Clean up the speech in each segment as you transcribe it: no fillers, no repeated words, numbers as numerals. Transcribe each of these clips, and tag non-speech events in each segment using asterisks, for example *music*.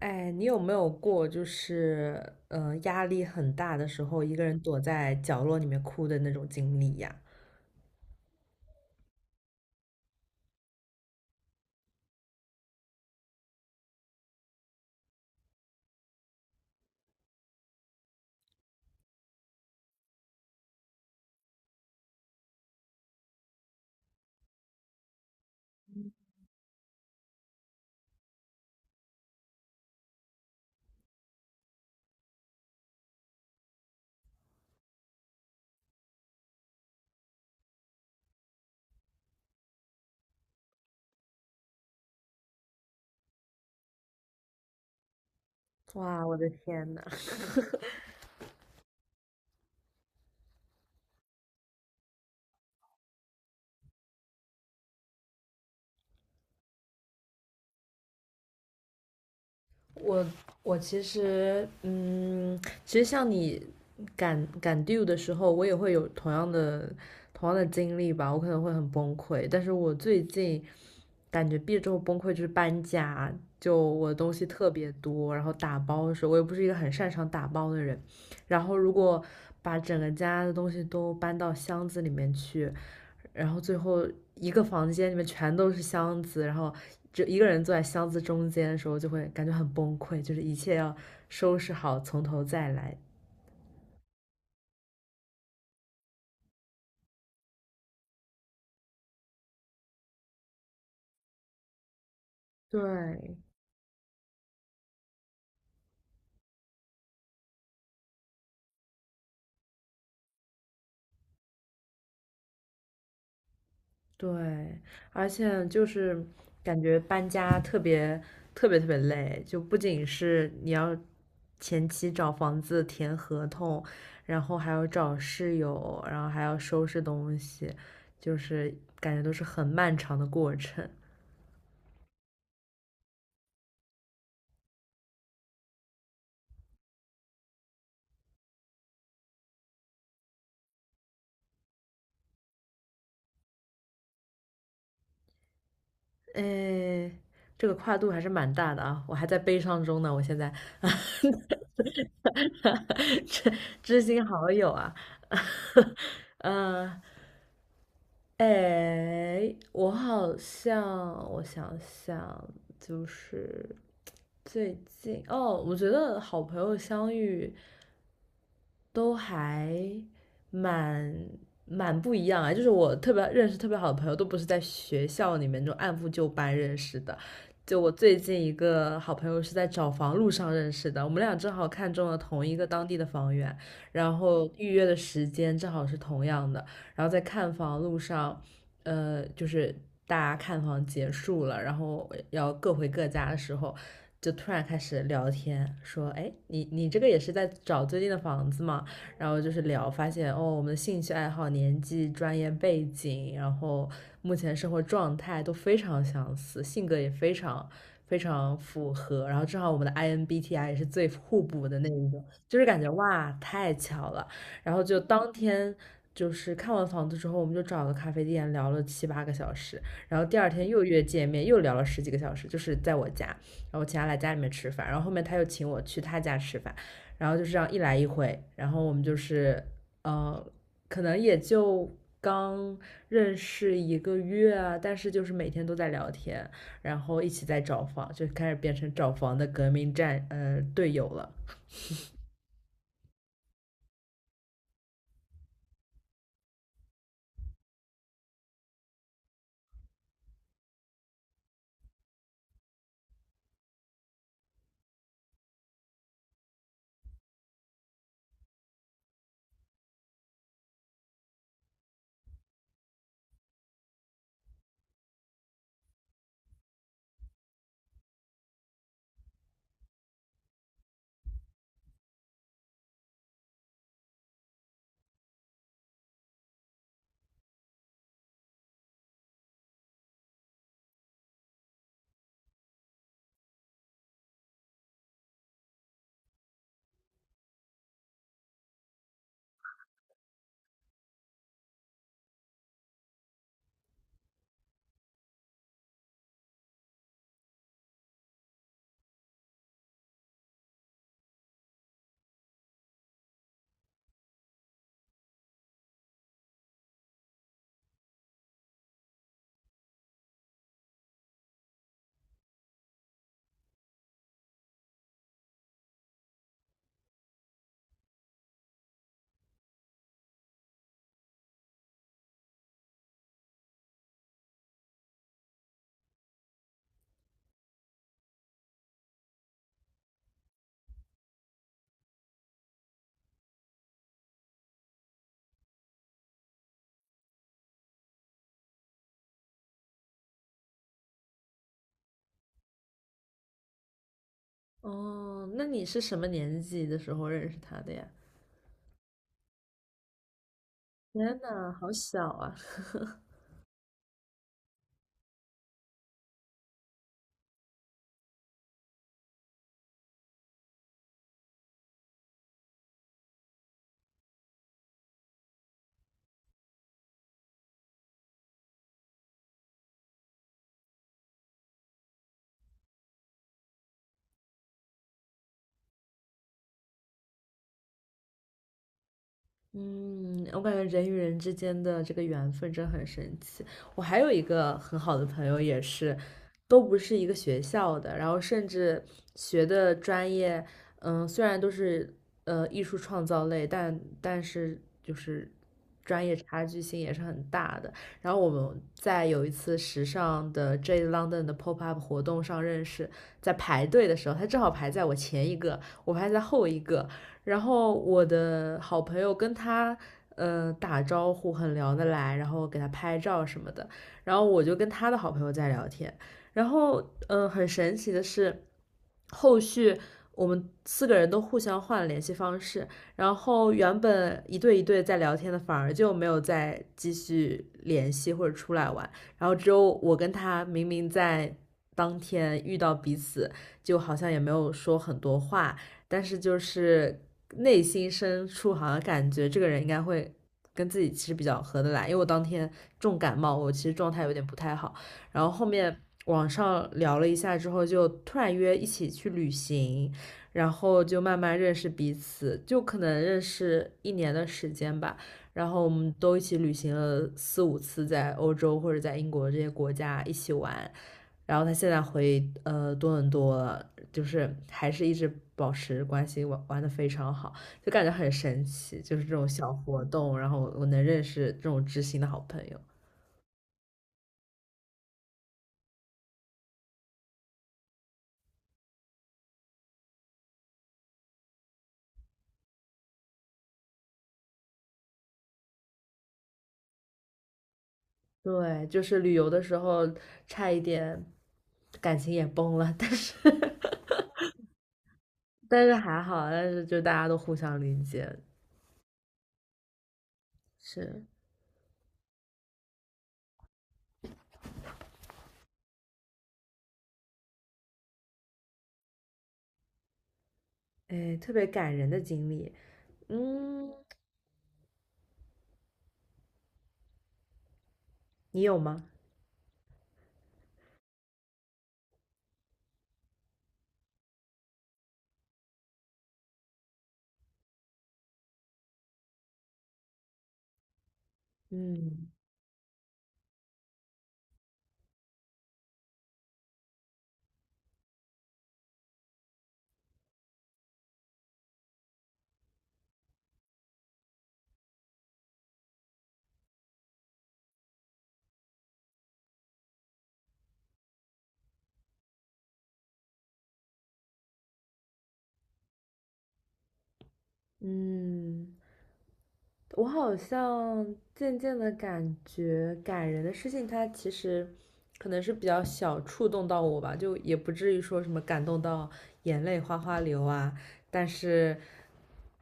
哎，你有没有过就是压力很大的时候，一个人躲在角落里面哭的那种经历呀？哇，我的天呐！*laughs* 我我其实其实像你赶 due 的时候，我也会有同样的经历吧，我可能会很崩溃。但是我最近感觉毕业之后崩溃就是搬家，就我的东西特别多，然后打包的时候我又不是一个很擅长打包的人，然后如果把整个家的东西都搬到箱子里面去，然后最后一个房间里面全都是箱子，然后就一个人坐在箱子中间的时候就会感觉很崩溃，就是一切要收拾好，从头再来。对对，而且就是感觉搬家特别特别特别累，就不仅是你要前期找房子、填合同，然后还要找室友，然后还要收拾东西，就是感觉都是很漫长的过程。诶，这个跨度还是蛮大的啊，我还在悲伤中呢。我现在，*laughs* 知知心好友啊，*laughs* 嗯、哎，我好像，我想想，就是最近哦，我觉得好朋友相遇都还蛮蛮不一样啊，就是我特别认识特别好的朋友，都不是在学校里面那种按部就班认识的。就我最近一个好朋友是在找房路上认识的，我们俩正好看中了同一个当地的房源，然后预约的时间正好是同样的，然后在看房路上。就是大家看房结束了，然后要各回各家的时候，就突然开始聊天，说，哎，你这个也是在找最近的房子吗？然后就是聊，发现哦，我们的兴趣爱好、年纪、专业背景，然后目前生活状态都非常相似，性格也非常。非常符合，然后正好我们的 INBTI 也是最互补的那一种，就是感觉哇，太巧了。然后就当天就是看完房子之后，我们就找个咖啡店聊了7、8个小时，然后第二天又约见面，又聊了10几个小时，就是在我家，然后请他来家里面吃饭，然后后面他又请我去他家吃饭，然后就这样一来一回，然后我们就是呃，可能也就刚认识1个月啊，但是就是每天都在聊天，然后一起在找房，就开始变成找房的革命队友了。哦，那你是什么年纪的时候认识他的呀？天呐，好小啊！*laughs* 嗯，我感觉人与人之间的这个缘分真很神奇。我还有一个很好的朋友，也是，都不是一个学校的，然后甚至学的专业，嗯，虽然都是艺术创造类，但是就是专业差距性也是很大的。然后我们在有一次时尚的 J London 的 Pop Up 活动上认识，在排队的时候，他正好排在我前一个，我排在后一个，然后我的好朋友跟他打招呼很聊得来，然后给他拍照什么的，然后我就跟他的好朋友在聊天，然后很神奇的是，后续我们四个人都互相换了联系方式，然后原本一对一对在聊天的反而就没有再继续联系或者出来玩，然后只有我跟他明明在当天遇到彼此，就好像也没有说很多话，但是就是内心深处好像感觉这个人应该会跟自己其实比较合得来，因为我当天重感冒，我其实状态有点不太好，然后后面网上聊了一下之后，就突然约一起去旅行，然后就慢慢认识彼此，就可能认识1年的时间吧。然后我们都一起旅行了4、5次，在欧洲或者在英国这些国家一起玩，然后他现在回多伦多了，就是还是一直保持关系，玩玩的非常好，就感觉很神奇，就是这种小活动，然后我能认识这种知心的好朋友。对，就是旅游的时候差一点感情也崩了，但是 *laughs* 但是还好，但是就大家都互相理解，是，哎，特别感人的经历。嗯，你有吗？嗯嗯。我好像渐渐的感觉，感人的事情，它其实可能是比较小触动到我吧，就也不至于说什么感动到眼泪哗哗流啊。但是，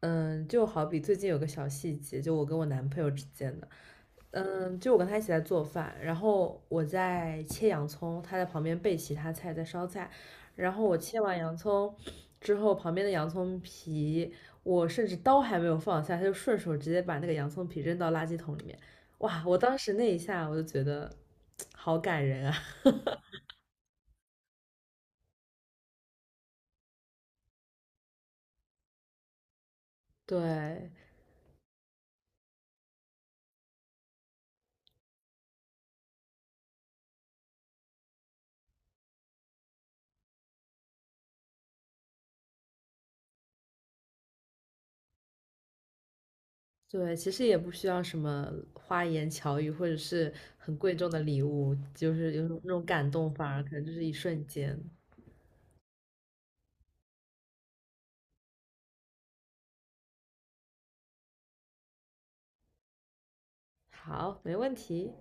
嗯，就好比最近有个小细节，就我跟我男朋友之间的，嗯，就我跟他一起在做饭，然后我在切洋葱，他在旁边备其他菜，在烧菜。然后我切完洋葱之后，旁边的洋葱皮，我甚至刀还没有放下，他就顺手直接把那个洋葱皮扔到垃圾桶里面。哇，我当时那一下我就觉得 *tsk* 好感人啊！*laughs* 对对，其实也不需要什么花言巧语，或者是很贵重的礼物，就是有那种感动，反而可能就是一瞬间。好，没问题。